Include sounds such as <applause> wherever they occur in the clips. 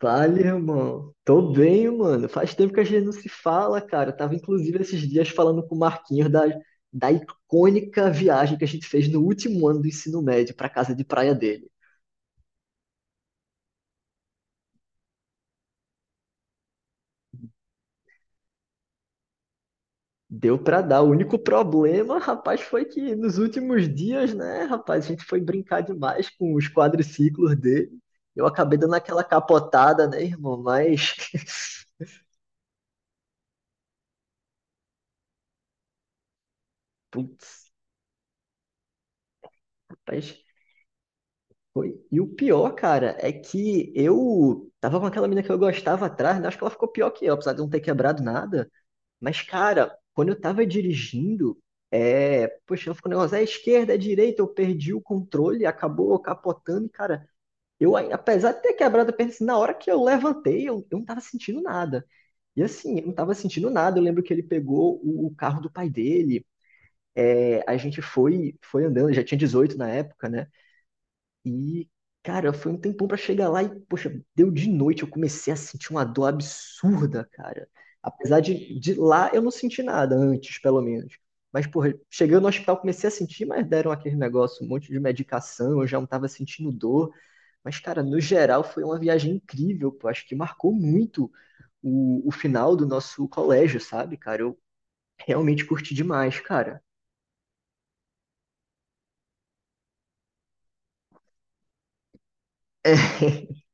Fala, irmão. Tô bem, mano. Faz tempo que a gente não se fala, cara. Eu tava inclusive esses dias falando com o Marquinhos da icônica viagem que a gente fez no último ano do ensino médio pra casa de praia dele. Deu pra dar. O único problema, rapaz, foi que nos últimos dias, né, rapaz, a gente foi brincar demais com os quadriciclos dele. Eu acabei dando aquela capotada, né, irmão? Mas, <laughs> putz, rapaz, foi. E o pior, cara, é que eu tava com aquela menina que eu gostava atrás, né? Acho que ela ficou pior que eu, apesar de eu não ter quebrado nada. Mas, cara, quando eu tava dirigindo, poxa, ela ficou um negócio, é esquerda, é direita, eu perdi o controle, acabou capotando, e, cara, eu, aí, apesar de ter quebrado a perna, assim, na hora que eu levantei, eu não tava sentindo nada. E assim, eu não tava sentindo nada. Eu lembro que ele pegou o carro do pai dele, é, a gente foi, foi andando, já tinha 18 na época, né? E, cara, foi um tempão pra chegar lá e, poxa, deu de noite, eu comecei a sentir uma dor absurda, cara. Apesar de lá eu não senti nada antes, pelo menos. Mas, porra, chegando no hospital comecei a sentir, mas deram aquele negócio, um monte de medicação, eu já não tava sentindo dor. Mas, cara, no geral foi uma viagem incrível, pô. Acho que marcou muito o final do nosso colégio, sabe, cara? Eu realmente curti demais, cara. <laughs>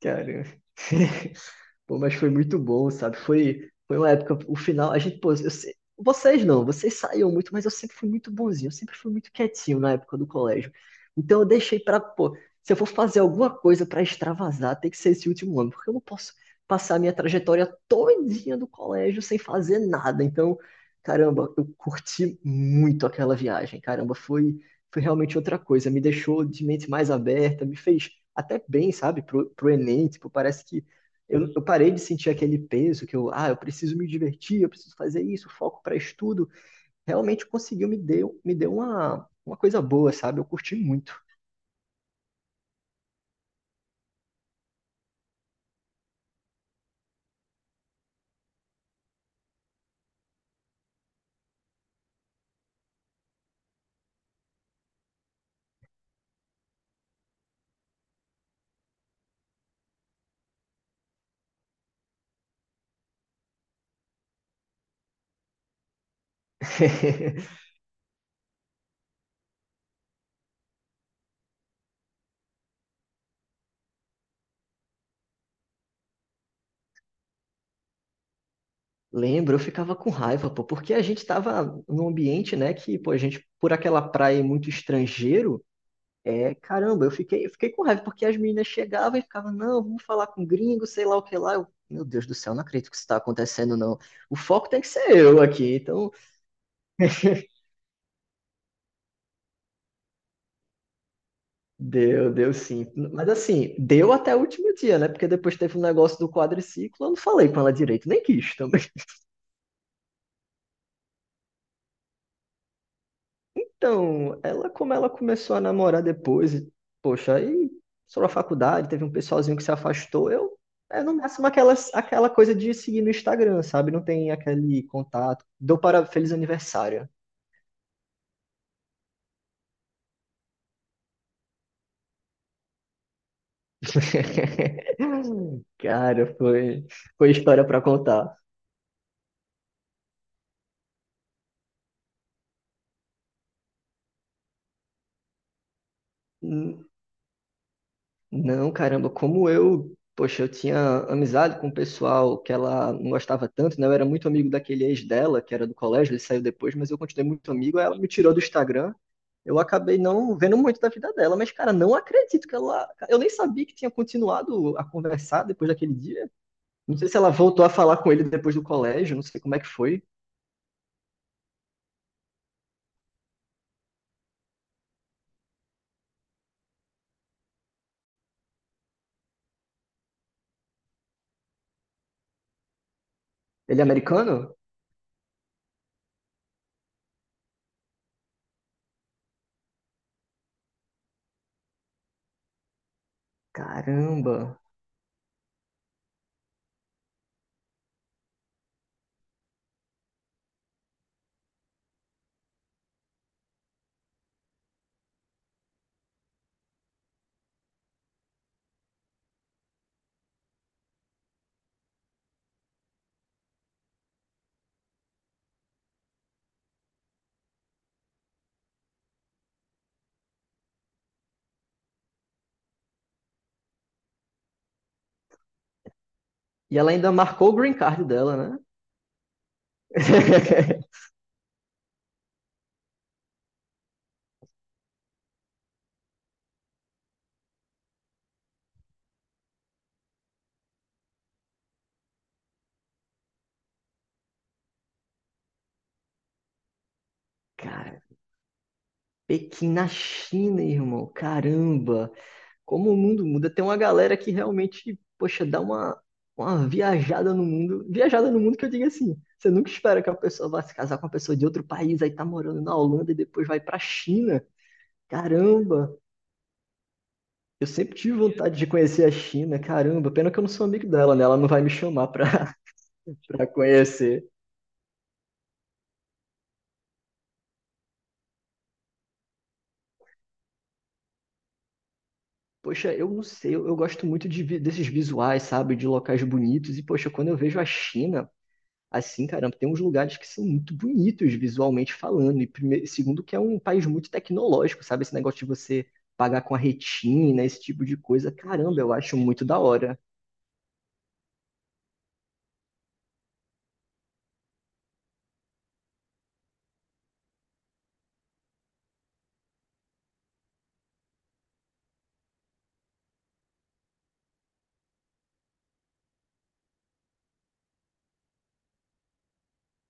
Cara. Pô, mas foi muito bom, sabe? Foi, foi uma época, o final, a gente, pô, eu se- vocês não, vocês saíam muito, mas eu sempre fui muito bonzinho, eu sempre fui muito quietinho na época do colégio. Então eu deixei pra, pô, se eu for fazer alguma coisa pra extravasar, tem que ser esse último ano, porque eu não posso passar a minha trajetória todinha do colégio sem fazer nada. Então, caramba, eu curti muito aquela viagem, caramba, foi, foi realmente outra coisa, me deixou de mente mais aberta, me fez até bem, sabe, pro Enem, tipo, parece que eu parei de sentir aquele peso que eu, ah, eu preciso me divertir, eu preciso fazer isso, foco para estudo. Realmente conseguiu, me deu uma coisa boa, sabe? Eu curti muito. <laughs> Lembro, eu ficava com raiva, pô, porque a gente tava num ambiente, né, que, pô, a gente, por aquela praia muito estrangeiro, é, caramba, eu fiquei com raiva, porque as meninas chegavam e ficavam, não, vamos falar com gringo, sei lá o que lá. Eu, meu Deus do céu, não acredito que isso tá acontecendo, não. O foco tem que ser eu aqui, então deu, deu sim. Mas assim, deu até o último dia, né? Porque depois teve um negócio do quadriciclo, eu não falei com ela direito, nem quis também. <laughs> Então, ela, como ela começou a namorar depois, e, poxa, aí só a faculdade, teve um pessoalzinho que se afastou, eu, é no máximo aquela coisa de seguir no Instagram, sabe? Não tem aquele contato. Dou para feliz aniversário. <laughs> Cara, foi história para contar. Não, caramba, como eu, poxa, eu tinha amizade com o pessoal que ela não gostava tanto, né? Eu era muito amigo daquele ex dela, que era do colégio, ele saiu depois, mas eu continuei muito amigo, aí ela me tirou do Instagram. Eu acabei não vendo muito da vida dela, mas, cara, não acredito que ela. Eu nem sabia que tinha continuado a conversar depois daquele dia. Não sei se ela voltou a falar com ele depois do colégio, não sei como é que foi. Ele é americano? Caramba! E ela ainda marcou o green card dela, né? <laughs> Pequim na China, irmão. Caramba, como o mundo muda. Tem uma galera que realmente, poxa, dá uma viajada no mundo. Viajada no mundo que eu digo assim. Você nunca espera que a pessoa vá se casar com uma pessoa de outro país, aí tá morando na Holanda e depois vai pra China. Caramba, eu sempre tive vontade de conhecer a China. Caramba, pena que eu não sou amigo dela, né? Ela não vai me chamar pra, <laughs> pra conhecer. Poxa, eu não sei, eu gosto muito de desses visuais, sabe, de locais bonitos. E, poxa, quando eu vejo a China, assim, caramba, tem uns lugares que são muito bonitos visualmente falando, e segundo que é um país muito tecnológico, sabe? Esse negócio de você pagar com a retina, esse tipo de coisa, caramba, eu acho muito da hora.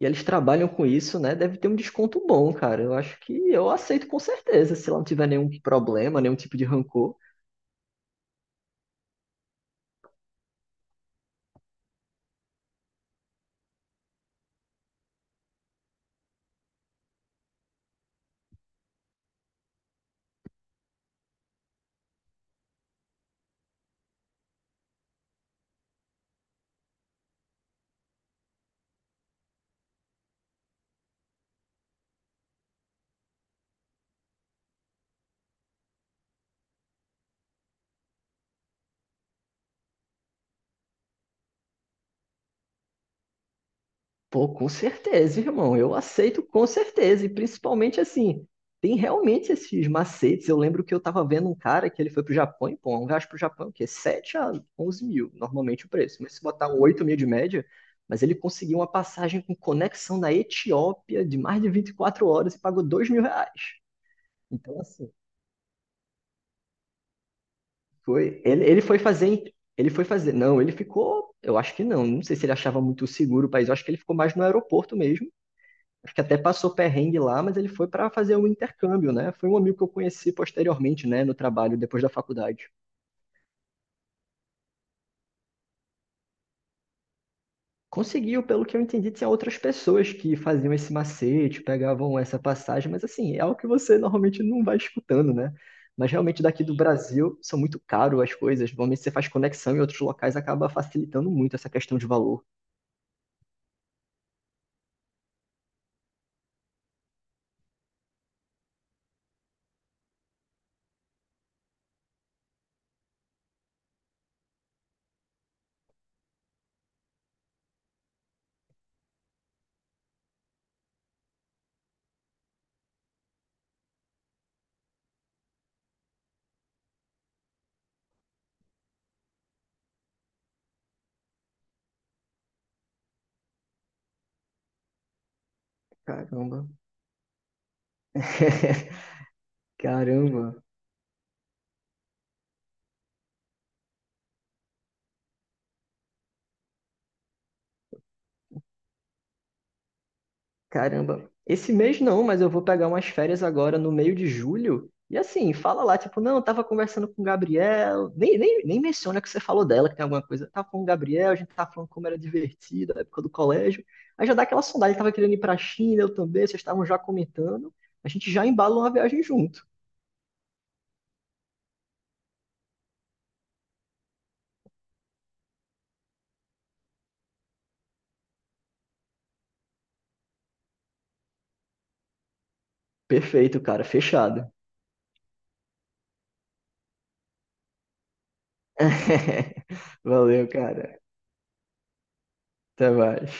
E eles trabalham com isso, né? Deve ter um desconto bom, cara. Eu acho que eu aceito com certeza, se lá não tiver nenhum problema, nenhum tipo de rancor. Pô, com certeza, irmão. Eu aceito com certeza. E principalmente assim, tem realmente esses macetes. Eu lembro que eu tava vendo um cara que ele foi pro Japão e, pô, um gasto pro Japão, que é 7 a 11 mil, normalmente o preço. Mas se botar um 8 mil de média, mas ele conseguiu uma passagem com conexão na Etiópia de mais de 24 horas e pagou R$ 2.000. Então, assim, foi. Ele foi fazer. Ele foi fazer. Não, ele ficou. Eu acho que não. Não sei se ele achava muito seguro o país. Eu acho que ele ficou mais no aeroporto mesmo, acho que até passou perrengue lá, mas ele foi para fazer um intercâmbio, né? Foi um amigo que eu conheci posteriormente, né, no trabalho, depois da faculdade. Conseguiu, pelo que eu entendi, tinha outras pessoas que faziam esse macete, pegavam essa passagem, mas assim, é algo que você normalmente não vai escutando, né? Mas realmente daqui do Brasil são muito caro as coisas. Normalmente você faz conexão em outros locais, acaba facilitando muito essa questão de valor. Caramba. <laughs> Caramba. Caramba, esse mês não, mas eu vou pegar umas férias agora no meio de julho. E assim, fala lá, tipo, não, eu tava conversando com o Gabriel. Nem menciona que você falou dela, que tem alguma coisa. Tava com o Gabriel, a gente tava falando como era divertido, a época do colégio. Aí já dá aquela sondagem, ele tava querendo ir pra China, eu também, vocês estavam já comentando. A gente já embala uma viagem junto. Perfeito, cara, fechado. <laughs> Valeu, cara. Até mais.